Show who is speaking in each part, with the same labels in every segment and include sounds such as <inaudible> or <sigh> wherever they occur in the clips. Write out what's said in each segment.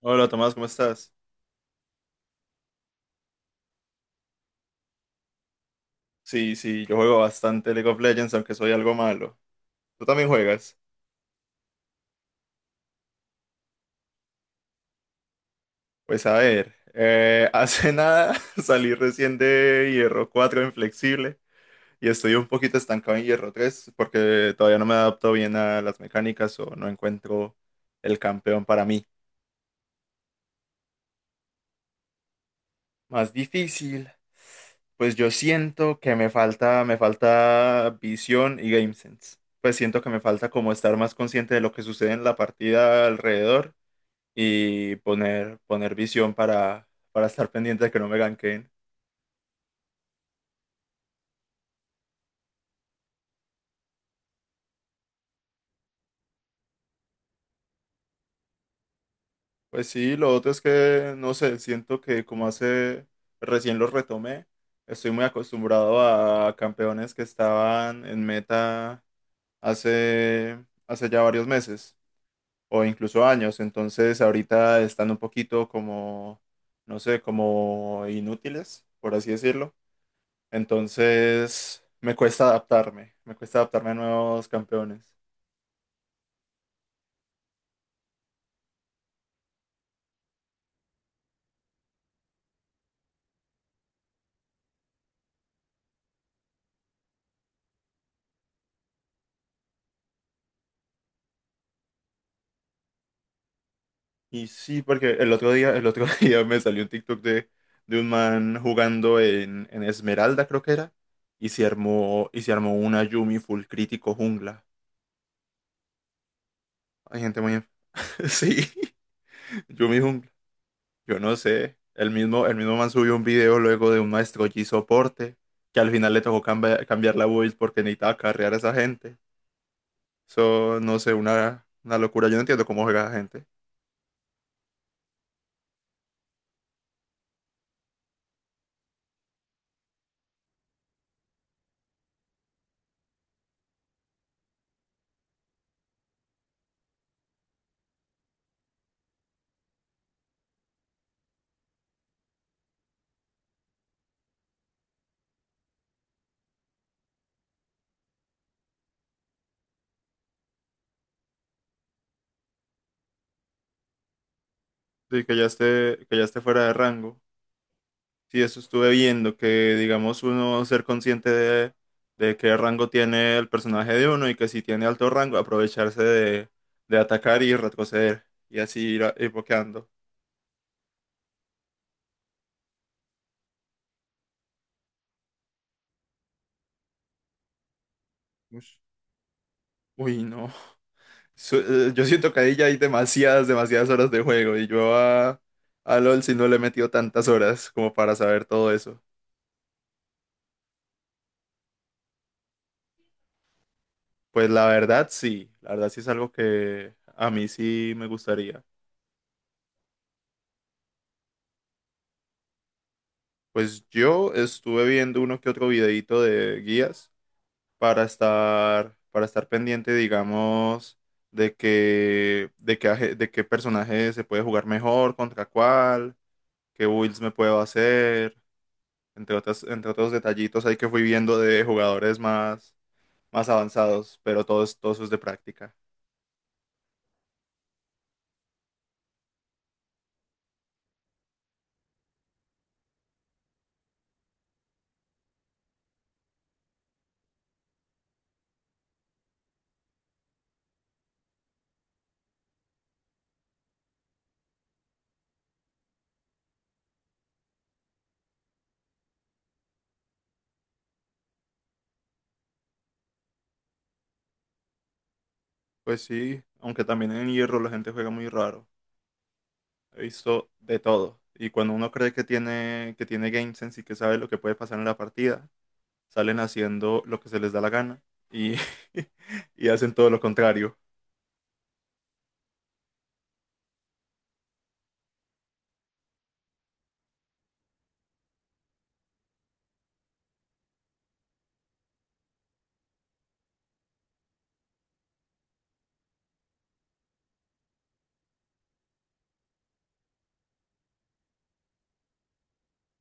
Speaker 1: Hola Tomás, ¿cómo estás? Sí, yo juego bastante League of Legends, aunque soy algo malo. ¿Tú también juegas? Pues a ver, hace nada <laughs> salí recién de Hierro 4 inflexible y estoy un poquito estancado en Hierro 3 porque todavía no me adapto bien a las mecánicas o no encuentro el campeón para mí. Más difícil, pues yo siento que me falta visión y game sense. Pues siento que me falta como estar más consciente de lo que sucede en la partida alrededor y poner visión para estar pendiente de que no me ganquen. Pues sí, lo otro es que, no sé, siento que como hace recién los retomé, estoy muy acostumbrado a campeones que estaban en meta hace, hace ya varios meses o incluso años, entonces ahorita están un poquito como, no sé, como inútiles, por así decirlo. Entonces me cuesta adaptarme a nuevos campeones. Y sí, porque el otro <laughs> día me salió un TikTok de un man jugando en Esmeralda, creo que era, y y se armó una Yumi full crítico jungla. Hay gente muy... <laughs> Sí, Yumi jungla. Yo no sé. El mismo man subió un video luego de un maestro Yi soporte, que al final le tocó cambiar la build porque necesitaba carrear a esa gente. Eso, no sé, una locura. Yo no entiendo cómo juega la gente. Sí, que ya esté fuera de rango. Sí, eso estuve viendo, que digamos uno ser consciente de qué rango tiene el personaje de uno y que si tiene alto rango aprovecharse de atacar y retroceder y así ir, ir boqueando. Ush. Uy, no. Yo siento que ahí ya hay demasiadas horas de juego y yo a LOL si no le he metido tantas horas como para saber todo eso. La verdad sí es algo que a mí sí me gustaría. Pues yo estuve viendo uno que otro videito de guías para estar pendiente, digamos, de qué de qué personaje se puede jugar mejor, contra cuál, qué builds me puedo hacer, entre otros detallitos ahí que fui viendo de jugadores más, más avanzados, pero todo eso es de práctica. Pues sí, aunque también en hierro la gente juega muy raro. He visto de todo. Y cuando uno cree que que tiene game sense y que sabe lo que puede pasar en la partida, salen haciendo lo que se les da la gana y, <laughs> y hacen todo lo contrario.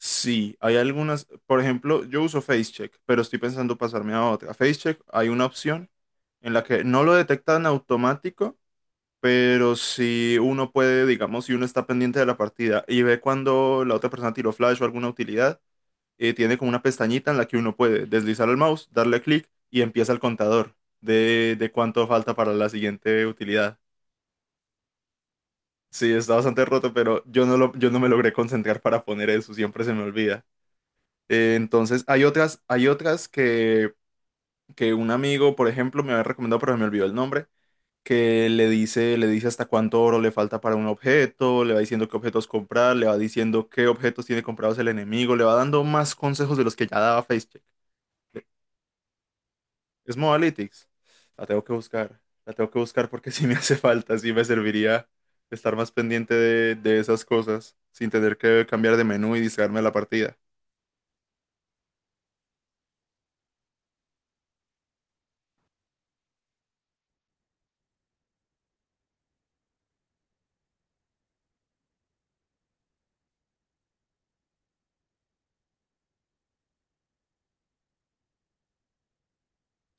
Speaker 1: Sí, hay algunas, por ejemplo, yo uso FaceCheck, pero estoy pensando pasarme a otra. FaceCheck hay una opción en la que no lo detecta en automático, pero si uno puede, digamos, si uno está pendiente de la partida y ve cuando la otra persona tiró flash o alguna utilidad, tiene como una pestañita en la que uno puede deslizar el mouse, darle clic y empieza el contador de cuánto falta para la siguiente utilidad. Sí, está bastante roto, pero yo no me logré concentrar para poner eso, siempre se me olvida. Entonces, hay otras que un amigo, por ejemplo, me había recomendado, pero se me olvidó el nombre, que le dice hasta cuánto oro le falta para un objeto, le va diciendo qué objetos comprar, le va diciendo qué objetos tiene comprados el enemigo, le va dando más consejos de los que ya daba FaceCheck. Es Modalytics. La tengo que buscar. La tengo que buscar porque <laughs> sí me hace falta, sí me serviría estar más pendiente de esas cosas sin tener que cambiar de menú y distraerme de la partida.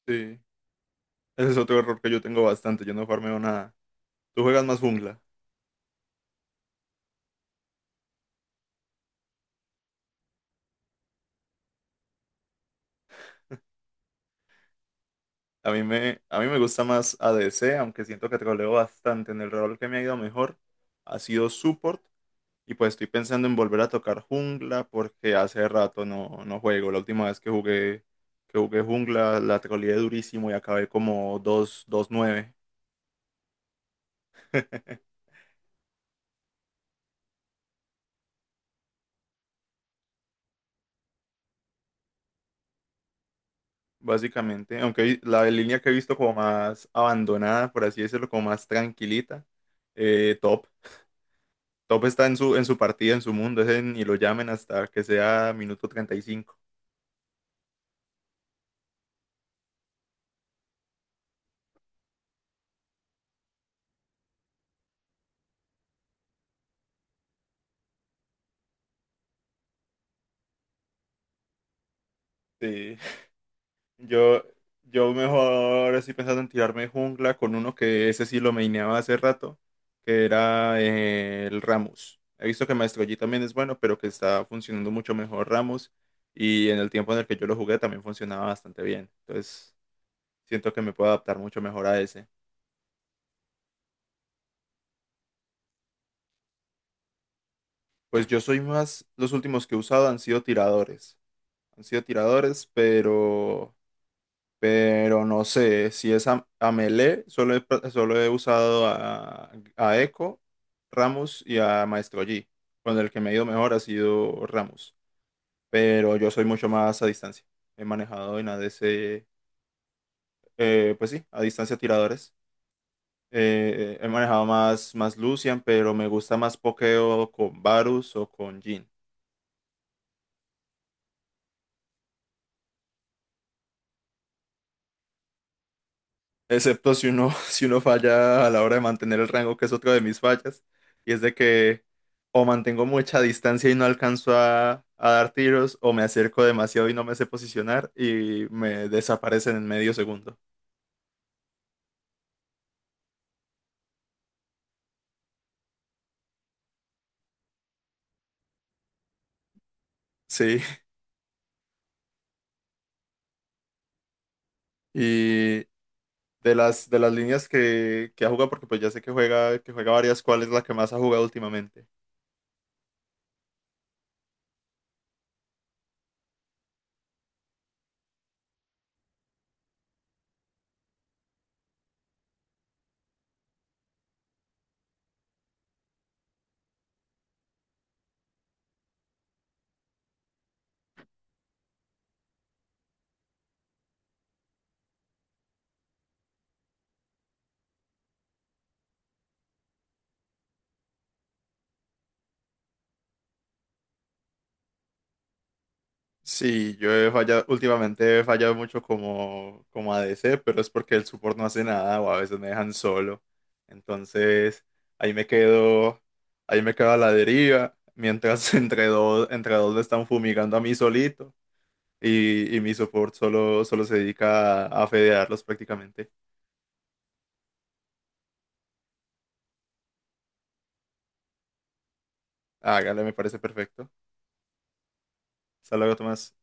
Speaker 1: Sí, ese es otro error que yo tengo bastante. Yo no farmeo nada. Tú juegas más jungla. A mí me gusta más ADC, aunque siento que troleo bastante. En el rol que me ha ido mejor ha sido support. Y pues estoy pensando en volver a tocar jungla porque hace rato no juego. La última vez que jugué jungla la troleé durísimo y acabé como 2/2/9. <laughs> Básicamente. Aunque la línea que he visto como más abandonada, por así decirlo, como más tranquilita, top. Top está en en su partida, en su mundo, ese ni lo llamen hasta que sea minuto 35. Sí. Yo, yo mejor estoy pensando en tirarme jungla con uno que ese sí lo maineaba hace rato, que era el Ramus. He visto que Maestro Yi también es bueno, pero que está funcionando mucho mejor Ramus. Y en el tiempo en el que yo lo jugué también funcionaba bastante bien. Entonces, siento que me puedo adaptar mucho mejor a ese. Pues yo soy más, los últimos que he usado han sido tiradores. Han sido tiradores, pero no sé si es a Melee, solo he usado a Echo, Ramos y a Maestro Yi. Con el que me ha ido mejor ha sido Ramos. Pero yo soy mucho más a distancia. He manejado en A ADC, pues sí, a distancia tiradores. He manejado más, más Lucian, pero me gusta más pokeo con Varus o con Jhin. Excepto si uno, <laughs> si uno falla a la hora de mantener el rango, que es otra de mis fallas, y es de que o mantengo mucha distancia y no alcanzo a dar tiros, o me acerco demasiado y no me sé posicionar y me desaparecen en medio segundo. Sí, <laughs> y de las líneas que ha jugado, porque pues ya sé que juega varias, ¿cuál es la que más ha jugado últimamente? Sí, yo he fallado, últimamente he fallado mucho como ADC, pero es porque el support no hace nada o a veces me dejan solo. Entonces, ahí me quedo, ahí me quedo a la deriva, mientras <laughs> entre dos me están fumigando a mí solito y mi support solo se dedica a fedearlos prácticamente. Hágale, me parece perfecto. Hasta luego, Tomás.